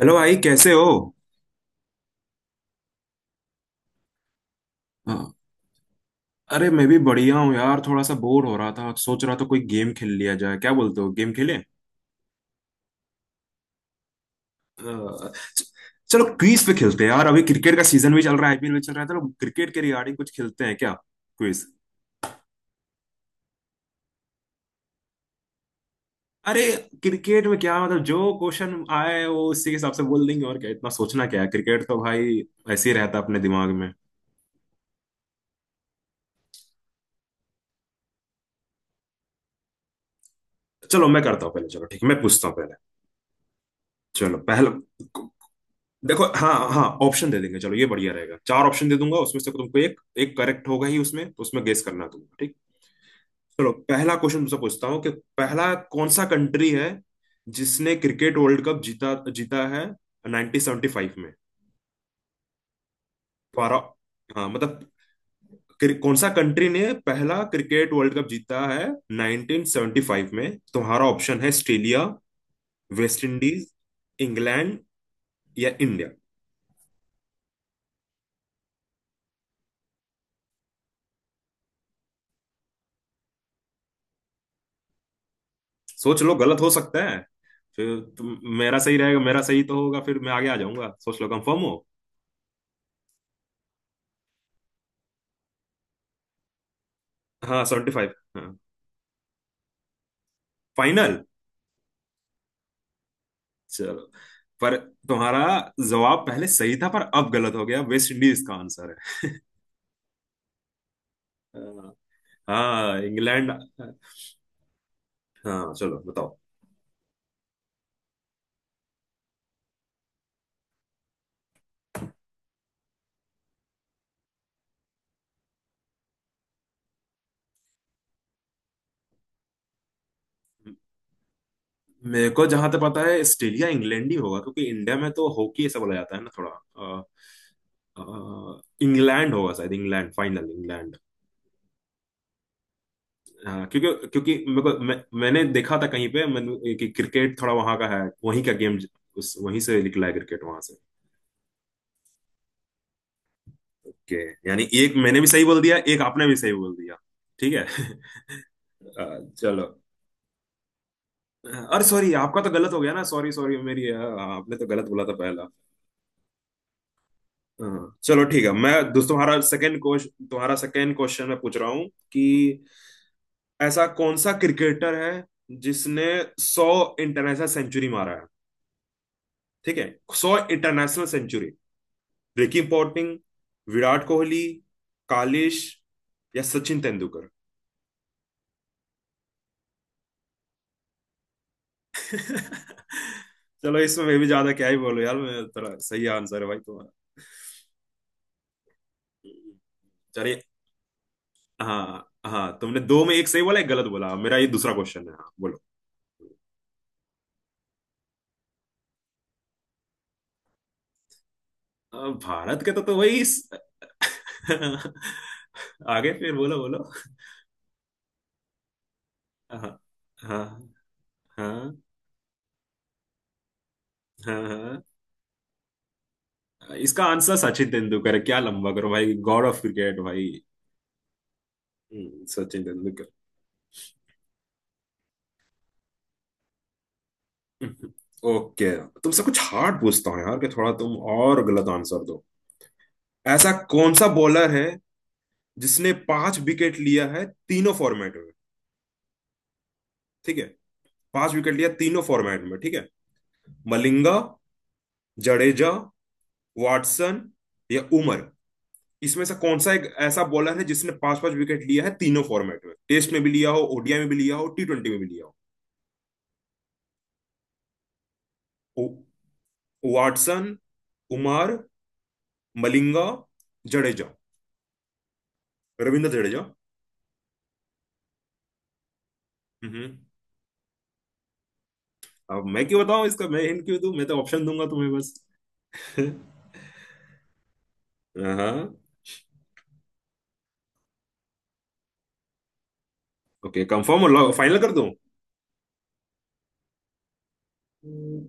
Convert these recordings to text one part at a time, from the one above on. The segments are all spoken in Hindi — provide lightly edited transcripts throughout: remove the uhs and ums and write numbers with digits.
हेलो भाई कैसे हो। हाँ, अरे मैं भी बढ़िया हूँ यार, थोड़ा सा बोर हो रहा था। सोच रहा था कोई गेम खेल लिया जाए, क्या बोलते हो, गेम खेलें? अ, च- चलो क्विज पे खेलते हैं यार। अभी क्रिकेट का सीजन भी चल रहा है, आईपीएल भी चल रहा है। चलो क्रिकेट के रिगार्डिंग कुछ खेलते हैं क्या? क्विज। अरे क्रिकेट में क्या, मतलब जो क्वेश्चन आए वो उसी के हिसाब से बोल देंगे, और क्या इतना सोचना क्या है, क्रिकेट तो भाई ऐसे ही रहता है अपने दिमाग में। चलो मैं करता हूँ पहले, चलो ठीक है, मैं पूछता हूँ पहले। चलो पहला। देखो हाँ हाँ, ऑप्शन दे देंगे, चलो ये बढ़िया रहेगा, 4 ऑप्शन दे दूंगा उसमें से तुमको एक, एक करेक्ट होगा ही उसमें तो, उसमें गेस करना है तुमको, ठीक। चलो पहला क्वेश्चन तुमसे पूछता हूँ कि पहला कौन सा कंट्री है जिसने क्रिकेट वर्ल्ड कप जीता जीता है 1975 में। 12 हाँ मतलब कौन सा कंट्री ने पहला क्रिकेट वर्ल्ड कप जीता है 1975 में। तुम्हारा ऑप्शन है ऑस्ट्रेलिया, वेस्ट इंडीज, इंग्लैंड या इंडिया। सोच लो गलत हो सकता है, फिर तुम, मेरा सही रहेगा, मेरा सही तो होगा, फिर मैं आगे आ जाऊंगा। सोच लो कंफर्म हो। हाँ 75, हाँ, फाइनल। चलो, पर तुम्हारा जवाब पहले सही था, पर अब गलत हो गया, वेस्ट इंडीज का आंसर है। हाँ, इंग्लैंड। हाँ चलो बताओ। मेरे को जहां तक पता है ऑस्ट्रेलिया इंग्लैंड ही होगा, क्योंकि इंडिया में तो हॉकी ऐसा बोला जाता है ना थोड़ा। अ, इंग्लैंड होगा शायद, इंग्लैंड, फाइनल इंग्लैंड। हाँ क्योंकि क्योंकि मेरे को, मैंने देखा था कहीं पे मैंने कि क्रिकेट थोड़ा वहां का है, वहीं का गेम, उस वहीं से निकला है क्रिकेट वहां से। ओके, यानी एक मैंने भी सही बोल दिया एक आपने भी सही बोल दिया। ठीक है। अ, चलो। अरे सॉरी आपका तो गलत हो गया ना, सॉरी सॉरी, मेरी, आपने तो गलत बोला था पहला। हाँ, चलो ठीक है। मैं दोस्तों तुम्हारा सेकंड क्वेश्चन मैं पूछ रहा हूँ कि ऐसा कौन सा क्रिकेटर है जिसने 100 इंटरनेशनल सेंचुरी मारा है, ठीक है, 100 international century. Ricky Ponting, Virat Kohli, Kallis या सचिन तेंदुलकर। चलो इसमें मैं भी ज्यादा क्या ही बोलूं यार, मैं थोड़ा, सही आंसर है भाई तुम्हारा। चलिए। हाँ हाँ तुमने दो में एक सही बोला एक गलत बोला। मेरा ये दूसरा क्वेश्चन है, हाँ बोलो। अब भारत के तो वही इस… आगे फिर बोलो, बोलो। हाँ हाँ, हाँ, हाँ हाँ। इसका आंसर सचिन तेंदुलकर है क्या, लंबा करो भाई, गॉड ऑफ क्रिकेट भाई। सचिन तेंदुलकर। हम्म, ओके। तुमसे कुछ हार्ड पूछता हूँ यार कि थोड़ा तुम और गलत आंसर दो। ऐसा कौन सा बॉलर है जिसने 5 विकेट लिया है तीनों फॉर्मेट में, ठीक है, 5 विकेट लिया तीनों फॉर्मेट में, ठीक है। मलिंगा, जडेजा, वाटसन या उमर। इसमें से कौन सा एक ऐसा बॉलर है जिसने पांच पांच विकेट लिया है तीनों फॉर्मेट में? टेस्ट में भी लिया हो, ओडीआई में भी लिया हो, T20 में भी लिया हो। उ- वाटसन, उमर, मलिंगा, जडेजा, रविंद्र जडेजा। हम्म। अब मैं क्यों बताऊं इसका, मैं हिंट क्यों दूं, मैं तो ऑप्शन दूंगा तुम्हें बस। हाँ ओके, कंफर्म हो, फाइनल कर दूं? हम्म,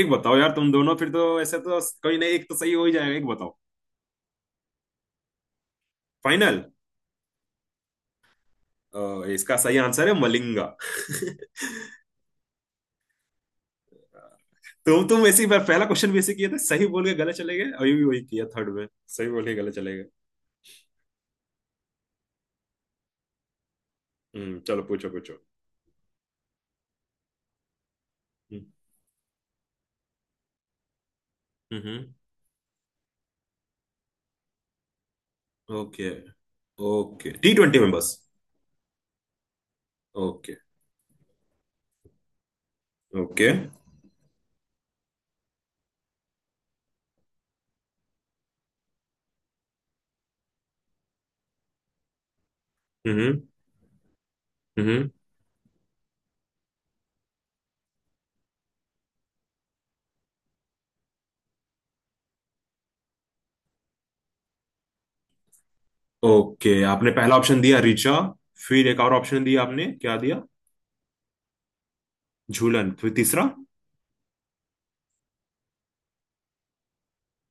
एक बताओ यार तुम दोनों, फिर तो ऐसे तो कोई नहीं, एक तो सही हो ही जाएगा, एक बताओ। फाइनल? इसका सही आंसर है मलिंगा। तुम ऐसी बार पहला क्वेश्चन भी ऐसे किए थे, सही बोल के गले चले गए, अभी भी वही किया थर्ड में, सही बोल के गले चले गए। हम्म, चलो पूछो पूछो। हम्म हम्म। ओके, ओके T20 में बस। Okay, okay. हम्म हम्म। ओके, आपने पहला ऑप्शन दिया रिचा, फिर एक और ऑप्शन दिया, आपने क्या दिया? झूलन, फिर तीसरा।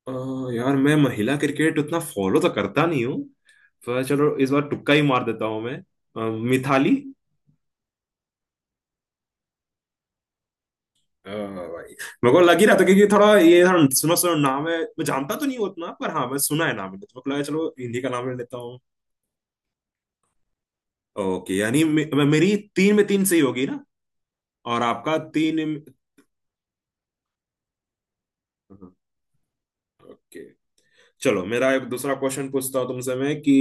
अ, यार मैं महिला क्रिकेट उतना फॉलो तो करता नहीं हूँ, पर चलो इस बार तुक्का ही मार देता हूँ मैं। मिथाली। भाई मेरे को लग ही रहा था, क्योंकि थोड़ा ये थोड़ा सुना सुना नाम है, मैं जानता तो नहीं हूँ उतना, पर हाँ मैं सुना है नाम है, तो मेरे को लगा चलो हिंदी का नाम ले लेता हूँ। ओके, यानी मे, मे- मेरी तीन में तीन सही होगी ना, और आपका तीन में-। ओके, चलो मेरा एक दूसरा क्वेश्चन पूछता हूँ तुमसे मैं कि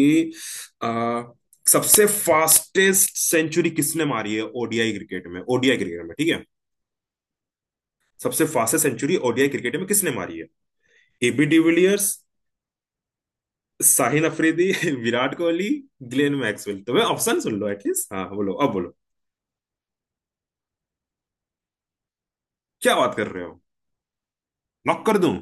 आ, सबसे फास्टेस्ट सेंचुरी किसने मारी है ओडीआई क्रिकेट में, ओडीआई क्रिकेट में, ठीक है। सबसे फास्टेस्ट सेंचुरी ओडीआई क्रिकेट में किसने मारी है? AB de Villiers, Sahil Afridi, Virat Kohli, Glenn Maxwell. तो मैं, ऑप्शन सुन लो एटलीस्ट, हाँ बोलो, अब बोलो। क्या बात कर रहे हो, लॉक कर दूं?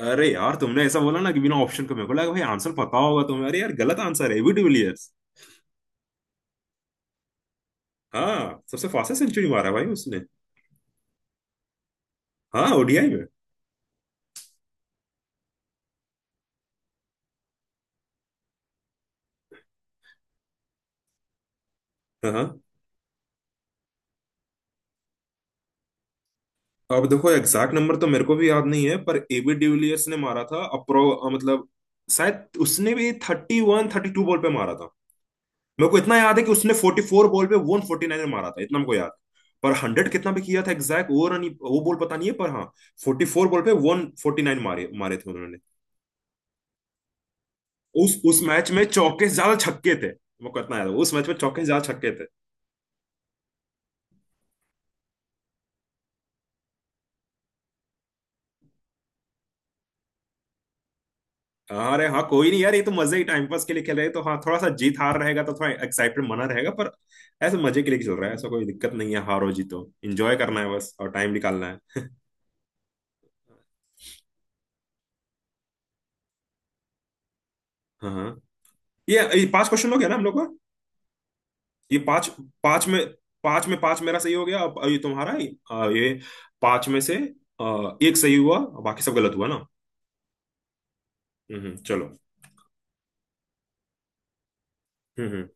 अरे यार तुमने ऐसा बोला ना कि बिना ऑप्शन को, मेरे को लगा भाई आंसर पता होगा तुम्हें, अरे यार गलत आंसर है, एबी डिविलियर्स। हाँ सबसे फास्टेस्ट सेंचुरी मारा है भाई उसने। हाँ ओडीआई में। हाँ हाँ। अब देखो एग्जैक्ट नंबर तो मेरे को भी याद नहीं है, पर एबी डिविलियर्स ने मारा था, मतलब शायद उसने भी 31-32 बॉल पे मारा था। मेरे को इतना याद है कि उसने 44 बॉल पे 149 मारा था, इतना मेरे को याद है। पर 100 कितना भी किया था एग्जैक्ट, वो रन वो बॉल पता नहीं है, पर हाँ 44 बॉल पे वन फोर्टी नाइन मारे मारे थे उन्होंने। उस मैच में चौके से ज्यादा छक्के थे। मेरे को इतना याद है उस मैच में चौके से ज्यादा छक्के थे। हाँ अरे हाँ कोई नहीं यार, ये तो मजे ही टाइम पास के लिए खेल रहे हैं, तो हाँ थोड़ा सा जीत हार रहेगा तो थोड़ा एक्साइटमेंट बना रहेगा, पर ऐसे मजे के लिए खेल रहा है, ऐसा कोई दिक्कत नहीं है, हार हो जीतो एंजॉय करना है बस और टाइम निकालना है। हाँ हाँ। ये 5 क्वेश्चन हो गया ना हम लोग का, ये पांच, पांच में पांच में पांच मेरा सही हो गया, अब ये तुम्हारा ही, ये 5 में से एक सही हुआ और बाकी सब गलत हुआ ना। चलो। हम्म,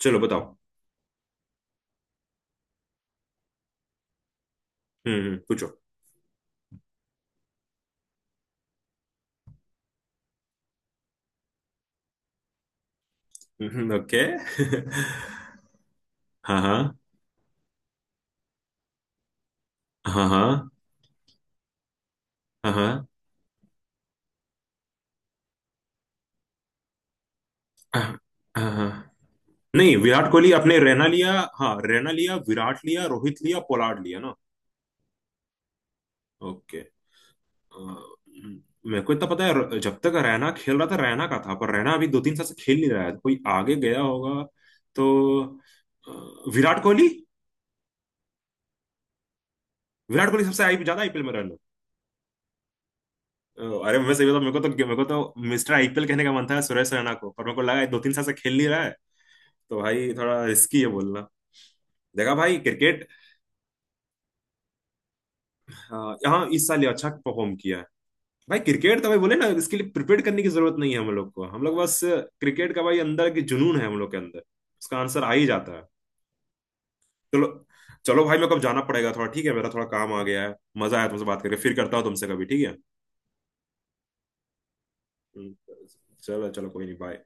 चलो बताओ। हम्म, पूछो। ओके। हाँ हाँ, हाँ हाँ, हाँ हाँ, हाँ हाँ। नहीं विराट कोहली, अपने रैना लिया, हाँ रैना लिया विराट लिया रोहित लिया पोलार्ड लिया ना। ओके। अ, मेरे को इतना पता है, जब तक रैना खेल रहा था रैना का था, पर रैना अभी 2-3 साल से खेल नहीं रहा है, कोई आगे गया होगा, तो विराट कोहली। विराट कोहली सबसे आई ज्यादा आईपीएल में रन। अरे मैं सही बताऊं, मेरे को तो मिस्टर आईपीएल कहने का मन था सुरेश रैना को, पर मेरे को लगा है 2-3 साल से खेल नहीं रहा है, तो भाई थोड़ा रिस्की है बोलना। देखा भाई क्रिकेट, अ, यहाँ इस साल ये अच्छा परफॉर्म किया। भाई क्रिकेट तो भाई बोले ना, इसके लिए प्रिपेयर करने की जरूरत नहीं है हम लोग को, हम लोग बस क्रिकेट का भाई अंदर की जुनून है हम लोग के अंदर, उसका आंसर आ ही जाता है। चलो। चलो भाई मेरे को अब जाना पड़ेगा थोड़ा, ठीक है, मेरा थोड़ा काम आ गया है। मजा आया तुमसे बात करके, फिर करता हूँ तुमसे कभी, ठीक है। हम्म, चलो चलो कोई नहीं, बाय।